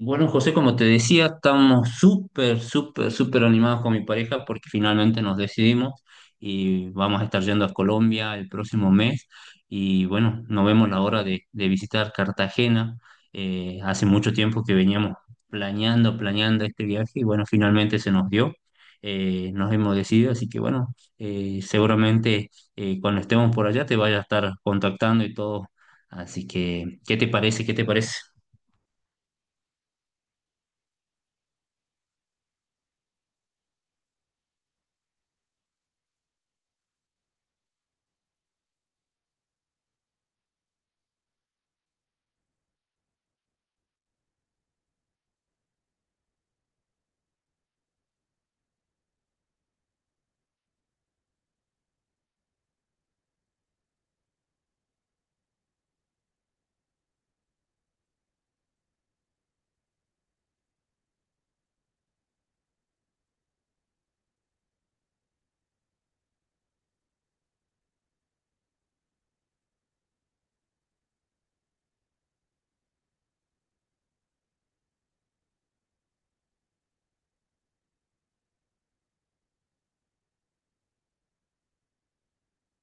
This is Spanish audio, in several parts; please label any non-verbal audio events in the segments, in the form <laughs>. Bueno, José, como te decía, estamos súper, súper, súper animados con mi pareja porque finalmente nos decidimos y vamos a estar yendo a Colombia el próximo mes y bueno, nos vemos la hora de visitar Cartagena. Hace mucho tiempo que veníamos planeando este viaje y bueno, finalmente se nos dio. Nos hemos decidido, así que bueno, seguramente cuando estemos por allá te vaya a estar contactando y todo. Así que, ¿qué te parece? ¿Qué te parece?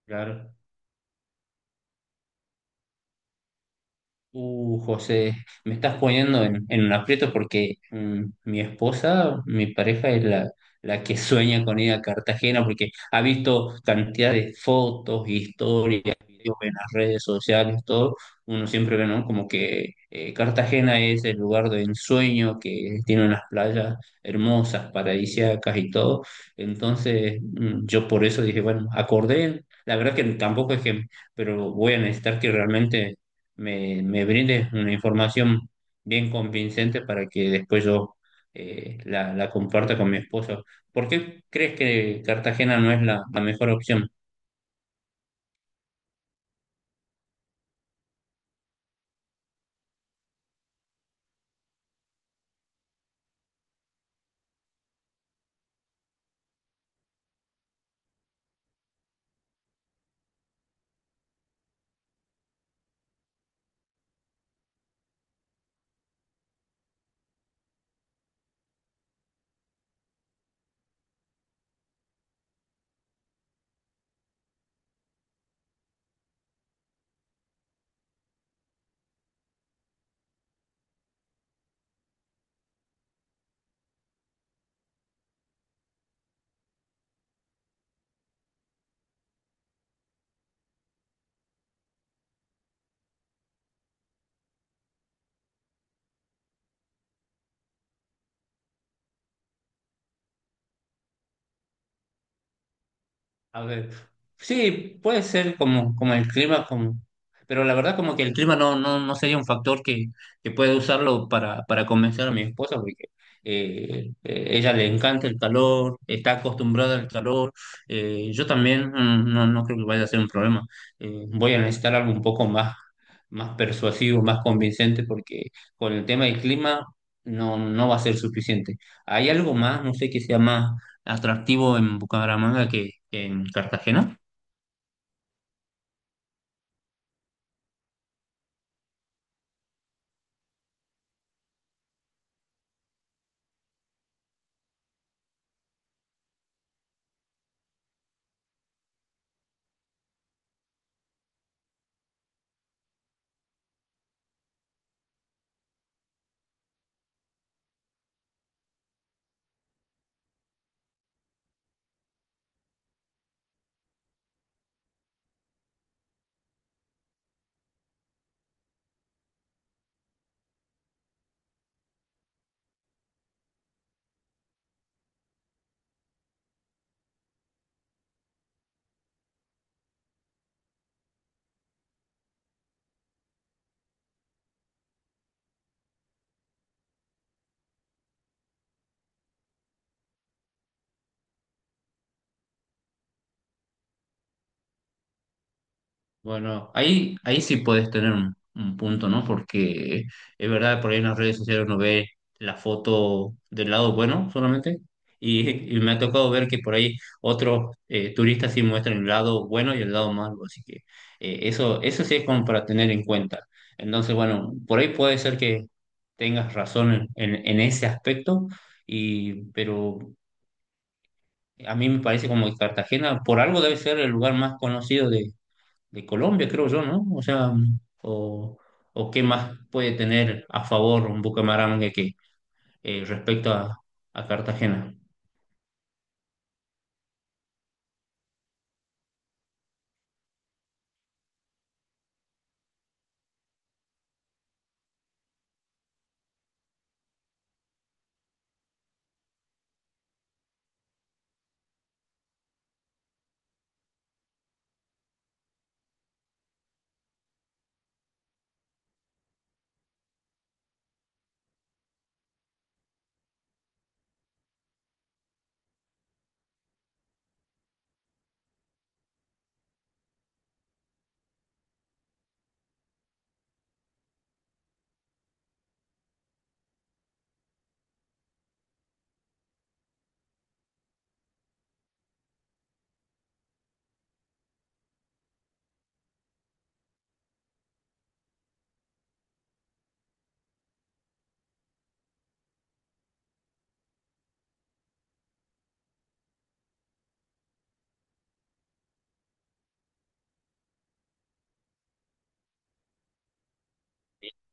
Claro. José, me estás poniendo en un aprieto porque mi esposa, mi pareja es la que sueña con ir a Cartagena porque ha visto cantidad de fotos, historias, videos en las redes sociales, todo. Uno siempre ve, ¿no? Como que Cartagena es el lugar de ensueño, que tiene unas playas hermosas, paradisíacas y todo. Entonces, yo por eso dije, bueno, acordé. La verdad que tampoco es que, pero voy a necesitar que realmente me brindes una información bien convincente para que después yo la comparta con mi esposo. ¿Por qué crees que Cartagena no es la mejor opción? A ver, sí, puede ser como, como el clima, como, pero la verdad como que el clima no, no, no sería un factor que pueda usarlo para convencer a mi esposa, porque ella le encanta el calor, está acostumbrada al calor, yo también, no, no creo que vaya a ser un problema. Voy a necesitar algo un poco más, más persuasivo, más convincente, porque con el tema del clima no, no va a ser suficiente. Hay algo más, no sé, que sea más atractivo en Bucaramanga que en Cartagena. Bueno, ahí, ahí sí puedes tener un punto, ¿no? Porque es verdad, por ahí en las redes sociales uno ve la foto del lado bueno solamente. Y <laughs> y me ha tocado ver que por ahí otros turistas sí muestran el lado bueno y el lado malo. Así que eso, eso sí es como para tener en cuenta. Entonces, bueno, por ahí puede ser que tengas razón en, en ese aspecto, y, pero a mí me parece como que Cartagena, por algo debe ser el lugar más conocido de Colombia, creo yo, ¿no? O sea, o, o qué más puede tener a favor un Bucaramanga que respecto a Cartagena.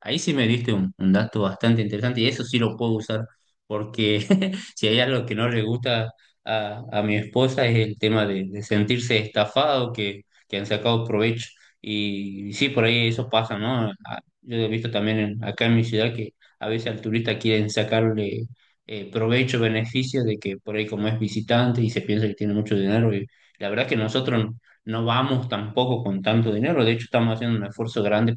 Ahí sí me diste un dato bastante interesante y eso sí lo puedo usar porque <laughs> si hay algo que no le gusta a mi esposa es el tema de sentirse estafado, que han sacado provecho. Y, sí, por ahí eso pasa, ¿no? Yo he visto también acá en mi ciudad que a veces al turista quieren sacarle provecho, beneficio de que por ahí como es visitante y se piensa que tiene mucho dinero. Y la verdad que nosotros no vamos tampoco con tanto dinero, de hecho estamos haciendo un esfuerzo grande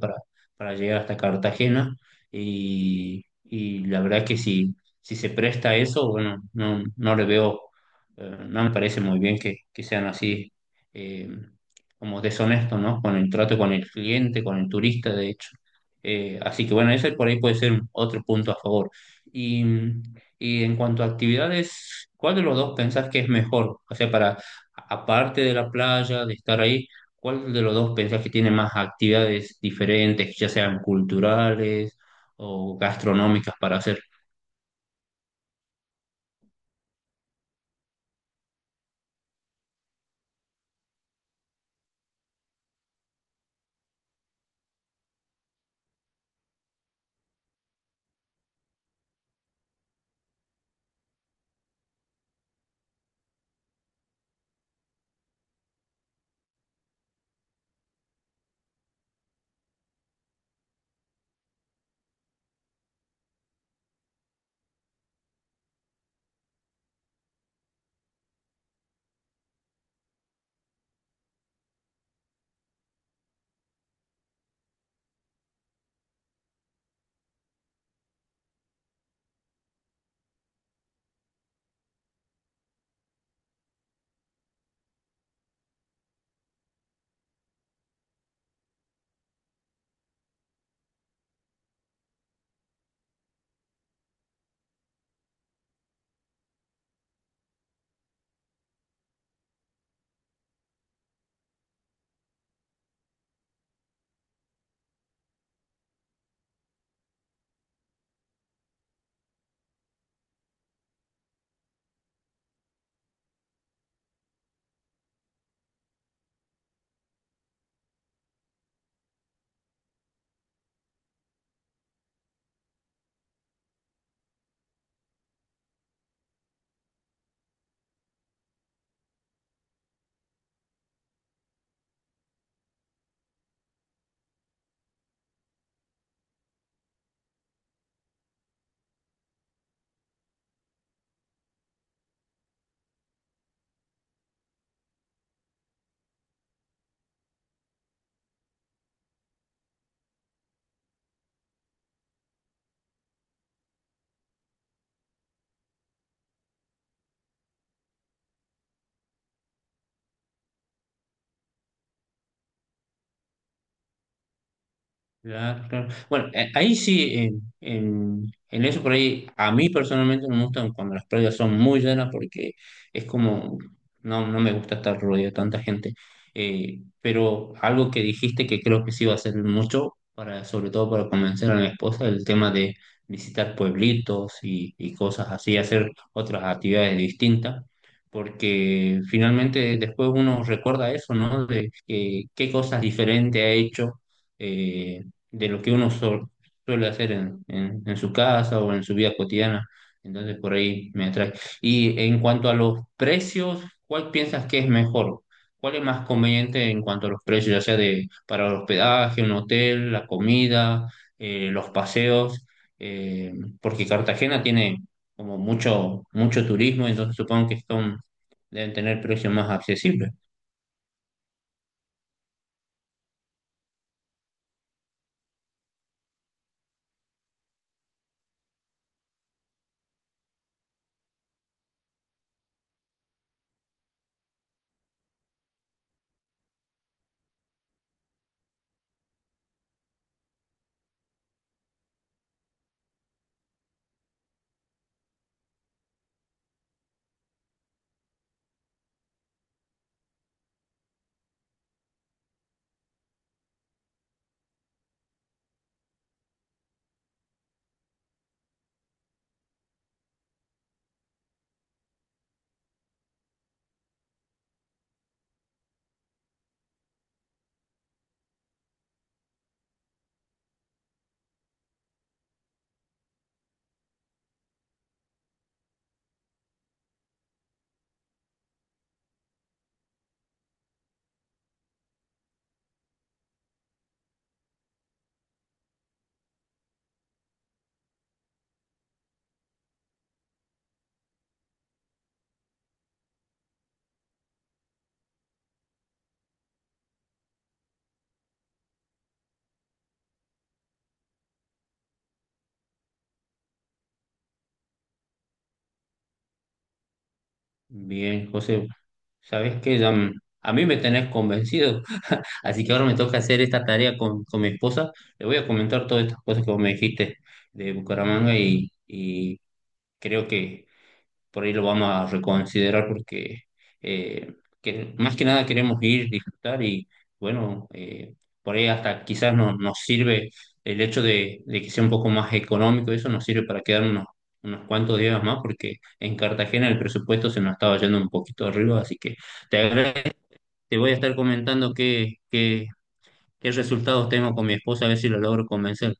para llegar hasta Cartagena y la verdad que si, si se presta a eso, bueno, no, no le veo, no me parece muy bien que sean así eh, como deshonestos, ¿no? Con el trato con el cliente, con el turista, de hecho. Así que bueno, ese por ahí puede ser otro punto a favor. Y, y en cuanto a actividades, ¿cuál de los dos pensás que es mejor? O sea, para, aparte de la playa, de estar ahí, ¿cuál de los dos pensás que tiene más actividades diferentes, ya sean culturales o gastronómicas para hacer? Claro, claro. Bueno, ahí sí, en, en eso por ahí, a mí personalmente no me gustan cuando las playas son muy llenas porque es como, no, no me gusta estar rodeado de tanta gente. Pero algo que dijiste que creo que sí va a ser mucho, para, sobre todo para convencer a mi esposa, el tema de visitar pueblitos y cosas así, hacer otras actividades distintas, porque finalmente después uno recuerda eso, ¿no? Qué cosas diferentes ha hecho, eh, de lo que uno suele hacer en, en su casa o en su vida cotidiana. Entonces por ahí me atrae. Y en cuanto a los precios, ¿cuál piensas que es mejor? ¿Cuál es más conveniente en cuanto a los precios, ya sea de para el hospedaje, un hotel, la comida, los paseos? Eh, porque Cartagena tiene como mucho, mucho turismo, entonces supongo que son, deben tener precios más accesibles. Bien, José, sabes que ya, a mí me tenés convencido, <laughs> así que ahora me toca hacer esta tarea con mi esposa. Le voy a comentar todas estas cosas que vos me dijiste de Bucaramanga y creo que por ahí lo vamos a reconsiderar porque eh, que más que nada queremos ir, disfrutar y bueno, por ahí hasta quizás nos sirve el hecho de que sea un poco más económico, eso nos sirve para quedarnos unos, unos cuantos días más porque en Cartagena el presupuesto se nos estaba yendo un poquito arriba, así que te agradezco, te voy a estar comentando qué, qué, qué resultados tengo con mi esposa, a ver si lo logro convencer.